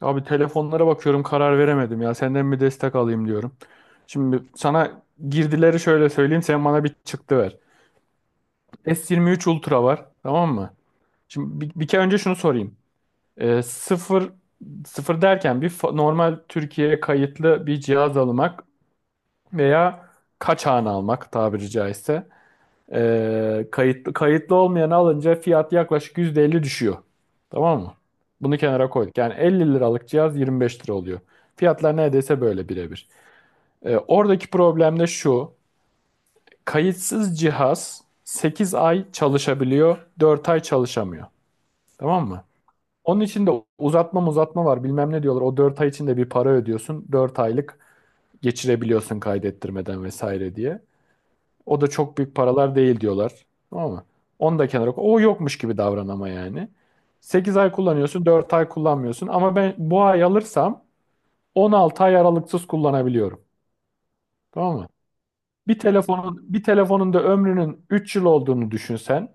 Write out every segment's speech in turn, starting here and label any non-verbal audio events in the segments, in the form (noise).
Abi telefonlara bakıyorum, karar veremedim ya. Senden bir destek alayım diyorum. Şimdi sana girdileri şöyle söyleyeyim. Sen bana bir çıktı ver. S23 Ultra var. Tamam mı? Şimdi bir kere önce şunu sorayım. Ee, sıfır, sıfır derken normal Türkiye'ye kayıtlı bir cihaz almak veya kaçağını almak tabiri caizse. Kayıtlı olmayanı alınca fiyat yaklaşık %50 düşüyor. Tamam mı? Bunu kenara koyduk. Yani 50 liralık cihaz 25 lira oluyor. Fiyatlar neredeyse böyle birebir. Oradaki problem de şu. Kayıtsız cihaz 8 ay çalışabiliyor, 4 ay çalışamıyor. Tamam mı? Onun için de uzatma uzatma var bilmem ne diyorlar. O 4 ay içinde bir para ödüyorsun. 4 aylık geçirebiliyorsun kaydettirmeden vesaire diye. O da çok büyük paralar değil diyorlar. Tamam mı? Onu da kenara koy. O yokmuş gibi davran ama yani. 8 ay kullanıyorsun, 4 ay kullanmıyorsun. Ama ben bu ay alırsam 16 ay aralıksız kullanabiliyorum. Tamam mı? Bir telefonun da ömrünün 3 yıl olduğunu düşünsen.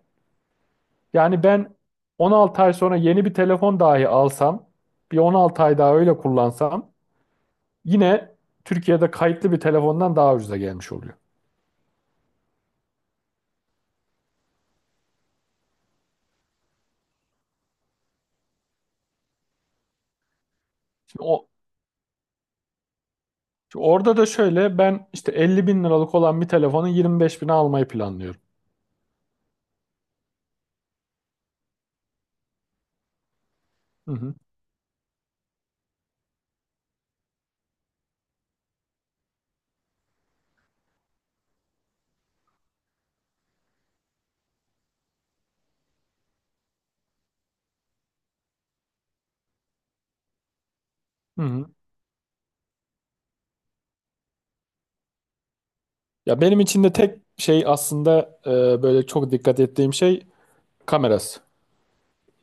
Yani ben 16 ay sonra yeni bir telefon dahi alsam, bir 16 ay daha öyle kullansam yine Türkiye'de kayıtlı bir telefondan daha ucuza gelmiş oluyor. Şimdi Şimdi orada da şöyle, ben işte 50 bin liralık olan bir telefonu 25 bine almayı planlıyorum. Hı hı. Hı hı. Ya benim için de tek şey aslında, böyle çok dikkat ettiğim şey kamerası.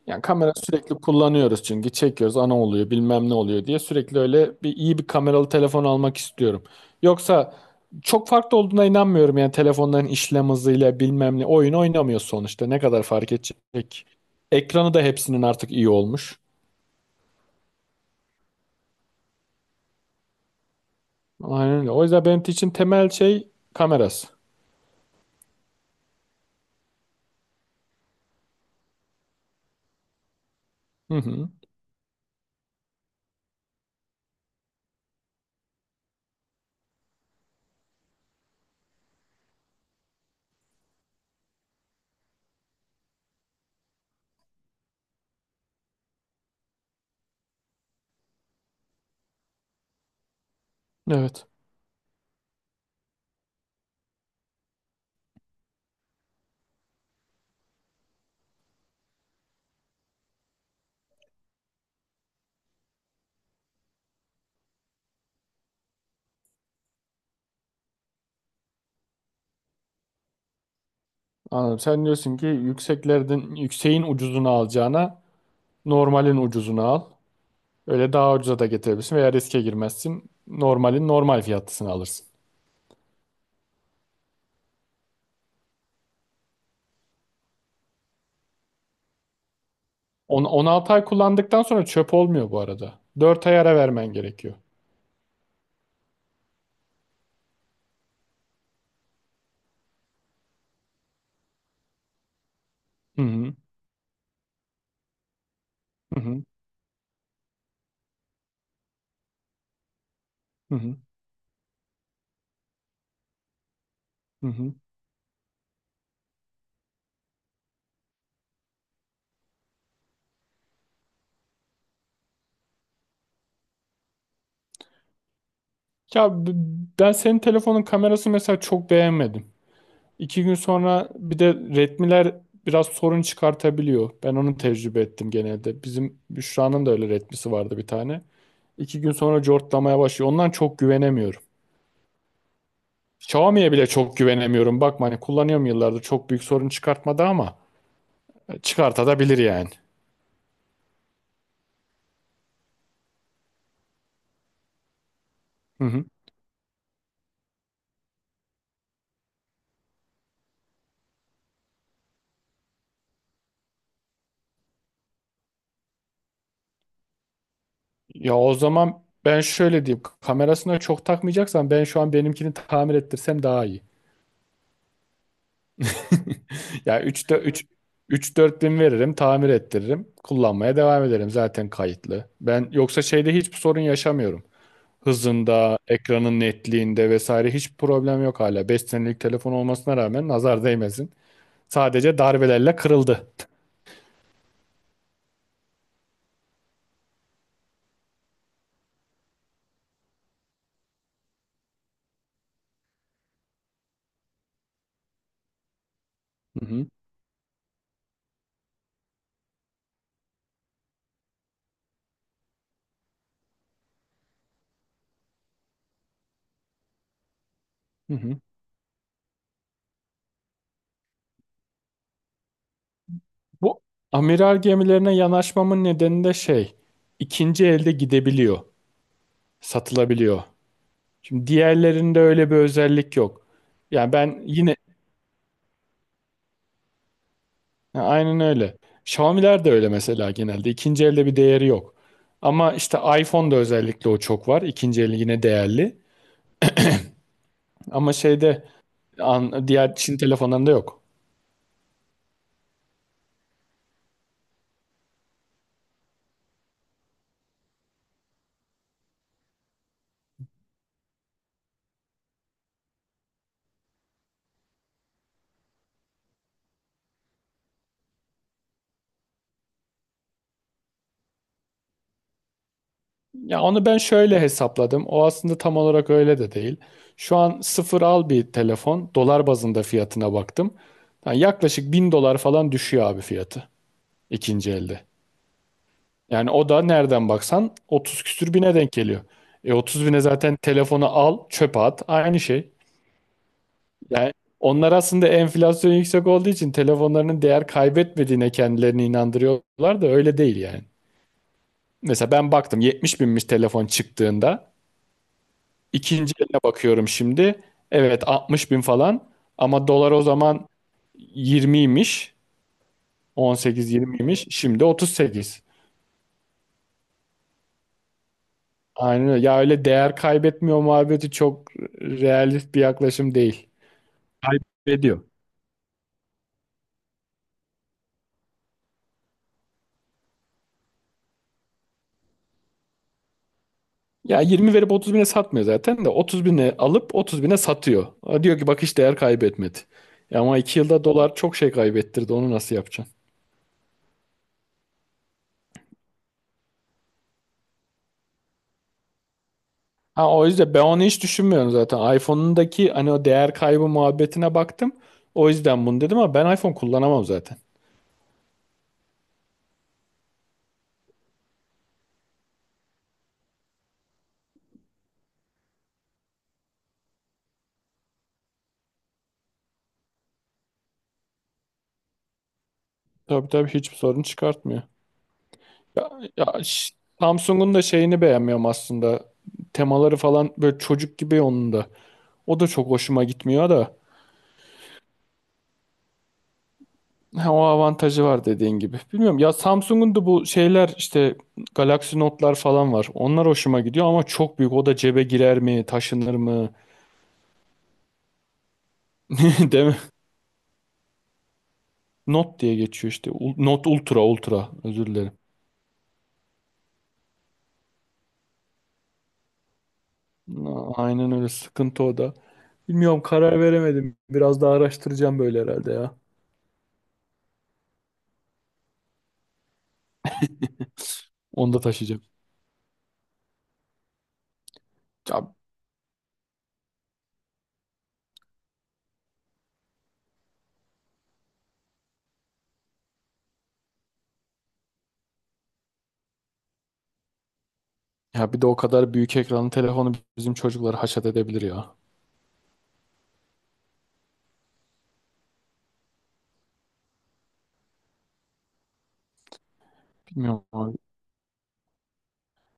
Yani kamera sürekli kullanıyoruz, çünkü çekiyoruz, ana oluyor, bilmem ne oluyor diye sürekli öyle bir iyi bir kameralı telefon almak istiyorum. Yoksa çok farklı olduğuna inanmıyorum yani, telefonların işlem hızıyla bilmem ne, oyun oynamıyor sonuçta, ne kadar fark edecek. Ekranı da hepsinin artık iyi olmuş. Aynen öyle. O yüzden benim için temel şey kamerası. Hı hı. Evet. Anladım. Sen diyorsun ki yükseklerden yükseğin ucuzunu alacağına normalin ucuzunu al. Öyle daha ucuza da getirebilirsin veya riske girmezsin. Normalin normal fiyatlısını alırsın. 16 ay kullandıktan sonra çöp olmuyor bu arada. 4 ay ara vermen gerekiyor. Hı hı. Hı hı. Hı hı. Hı hı. Ya b- Ben senin telefonun kamerası mesela çok beğenmedim. İki gün sonra bir de retmiler biraz sorun çıkartabiliyor. Ben onu tecrübe ettim genelde. Bizim Büşra'nın da öyle retmisi vardı bir tane. İki gün sonra cortlamaya başlıyor. Ondan çok güvenemiyorum. Xiaomi'ye bile çok güvenemiyorum. Bakma, hani kullanıyorum yıllardır, çok büyük sorun çıkartmadı ama çıkartabilir yani. Hı hı. Ya o zaman ben şöyle diyeyim. Kamerasına çok takmayacaksan ben şu an benimkini tamir ettirsem daha iyi. (laughs) Ya 3 üç 4 bin veririm, tamir ettiririm. Kullanmaya devam ederim, zaten kayıtlı. Ben yoksa şeyde hiçbir sorun yaşamıyorum. Hızında, ekranın netliğinde vesaire hiç problem yok hala. 5 senelik telefon olmasına rağmen nazar değmesin. Sadece darbelerle kırıldı. Hı hı, hı hı. Bu amiral gemilerine yanaşmamın nedeni de şey, ikinci elde gidebiliyor, satılabiliyor. Şimdi diğerlerinde öyle bir özellik yok. Yani ben yine. Ya, aynen öyle. Xiaomi'ler de öyle mesela genelde. İkinci elde bir değeri yok. Ama işte iPhone'da özellikle o çok var. İkinci eli yine değerli. Ama şeyde an, diğer Çin telefonlarında yok. Ya onu ben şöyle hesapladım. O aslında tam olarak öyle de değil. Şu an sıfır al bir telefon. Dolar bazında fiyatına baktım. Yani yaklaşık 1000 dolar falan düşüyor abi fiyatı ikinci elde. Yani o da nereden baksan 30 küsür bine denk geliyor. 30 bine zaten telefonu al, çöpe at, aynı şey. Yani onlar aslında enflasyon yüksek olduğu için telefonlarının değer kaybetmediğine kendilerini inandırıyorlar da öyle değil yani. Mesela ben baktım 70 binmiş telefon çıktığında. İkinci eline bakıyorum şimdi. Evet, 60 bin falan ama dolar o zaman 20'ymiş. 18-20'ymiş. Şimdi 38. Aynen öyle. Ya öyle değer kaybetmiyor muhabbeti çok realist bir yaklaşım değil. Kaybediyor. Ya 20 verip 30 bine satmıyor zaten, de 30 bine alıp 30 bine satıyor. O diyor ki bak, hiç değer kaybetmedi. Ama 2 yılda dolar çok şey kaybettirdi, onu nasıl yapacaksın? Ha, o yüzden ben onu hiç düşünmüyorum zaten. iPhone'undaki hani o değer kaybı muhabbetine baktım. O yüzden bunu dedim ama ben iPhone kullanamam zaten. Tabii tabii hiçbir sorun çıkartmıyor. Ya, ya, Samsung'un da şeyini beğenmiyorum aslında. Temaları falan böyle çocuk gibi onun da. O da çok hoşuma gitmiyor da. Ha, o avantajı var dediğin gibi. Bilmiyorum ya, Samsung'un da bu şeyler işte Galaxy Note'lar falan var. Onlar hoşuma gidiyor ama çok büyük. O da cebe girer mi, taşınır mı? (laughs) Değil mi? Note diye geçiyor işte. Note Ultra, Ultra. Özür dilerim. Aynen öyle sıkıntı o da. Bilmiyorum, karar veremedim. Biraz daha araştıracağım böyle herhalde ya. Onu da taşıyacağım. Ya, ya, bir de o kadar büyük ekranlı telefonu bizim çocukları haşat edebilir ya. Bilmiyorum abi.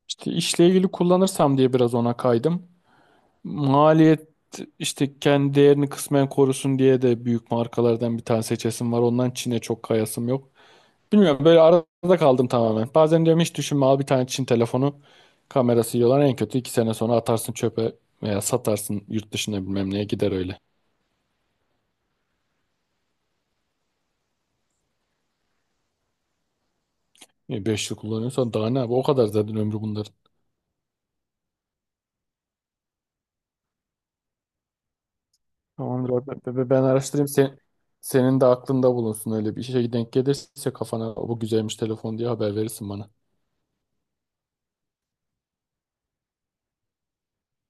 İşte işle ilgili kullanırsam diye biraz ona kaydım. Maliyet, işte kendi değerini kısmen korusun diye de büyük markalardan bir tane seçesim var. Ondan Çin'e çok kayasım yok. Bilmiyorum, böyle arada kaldım tamamen. Bazen diyorum hiç düşünme al bir tane Çin telefonu, kamerası yiyorlar. En kötü 2 sene sonra atarsın çöpe veya satarsın yurt dışına bilmem neye gider öyle. 5 yıl kullanıyorsan daha ne abi, o kadar zaten ömrü bunların. Tamamdır abi, ben araştırayım, sen, senin de aklında bulunsun, öyle bir işe denk gelirse kafana bu güzelmiş telefon diye haber verirsin bana.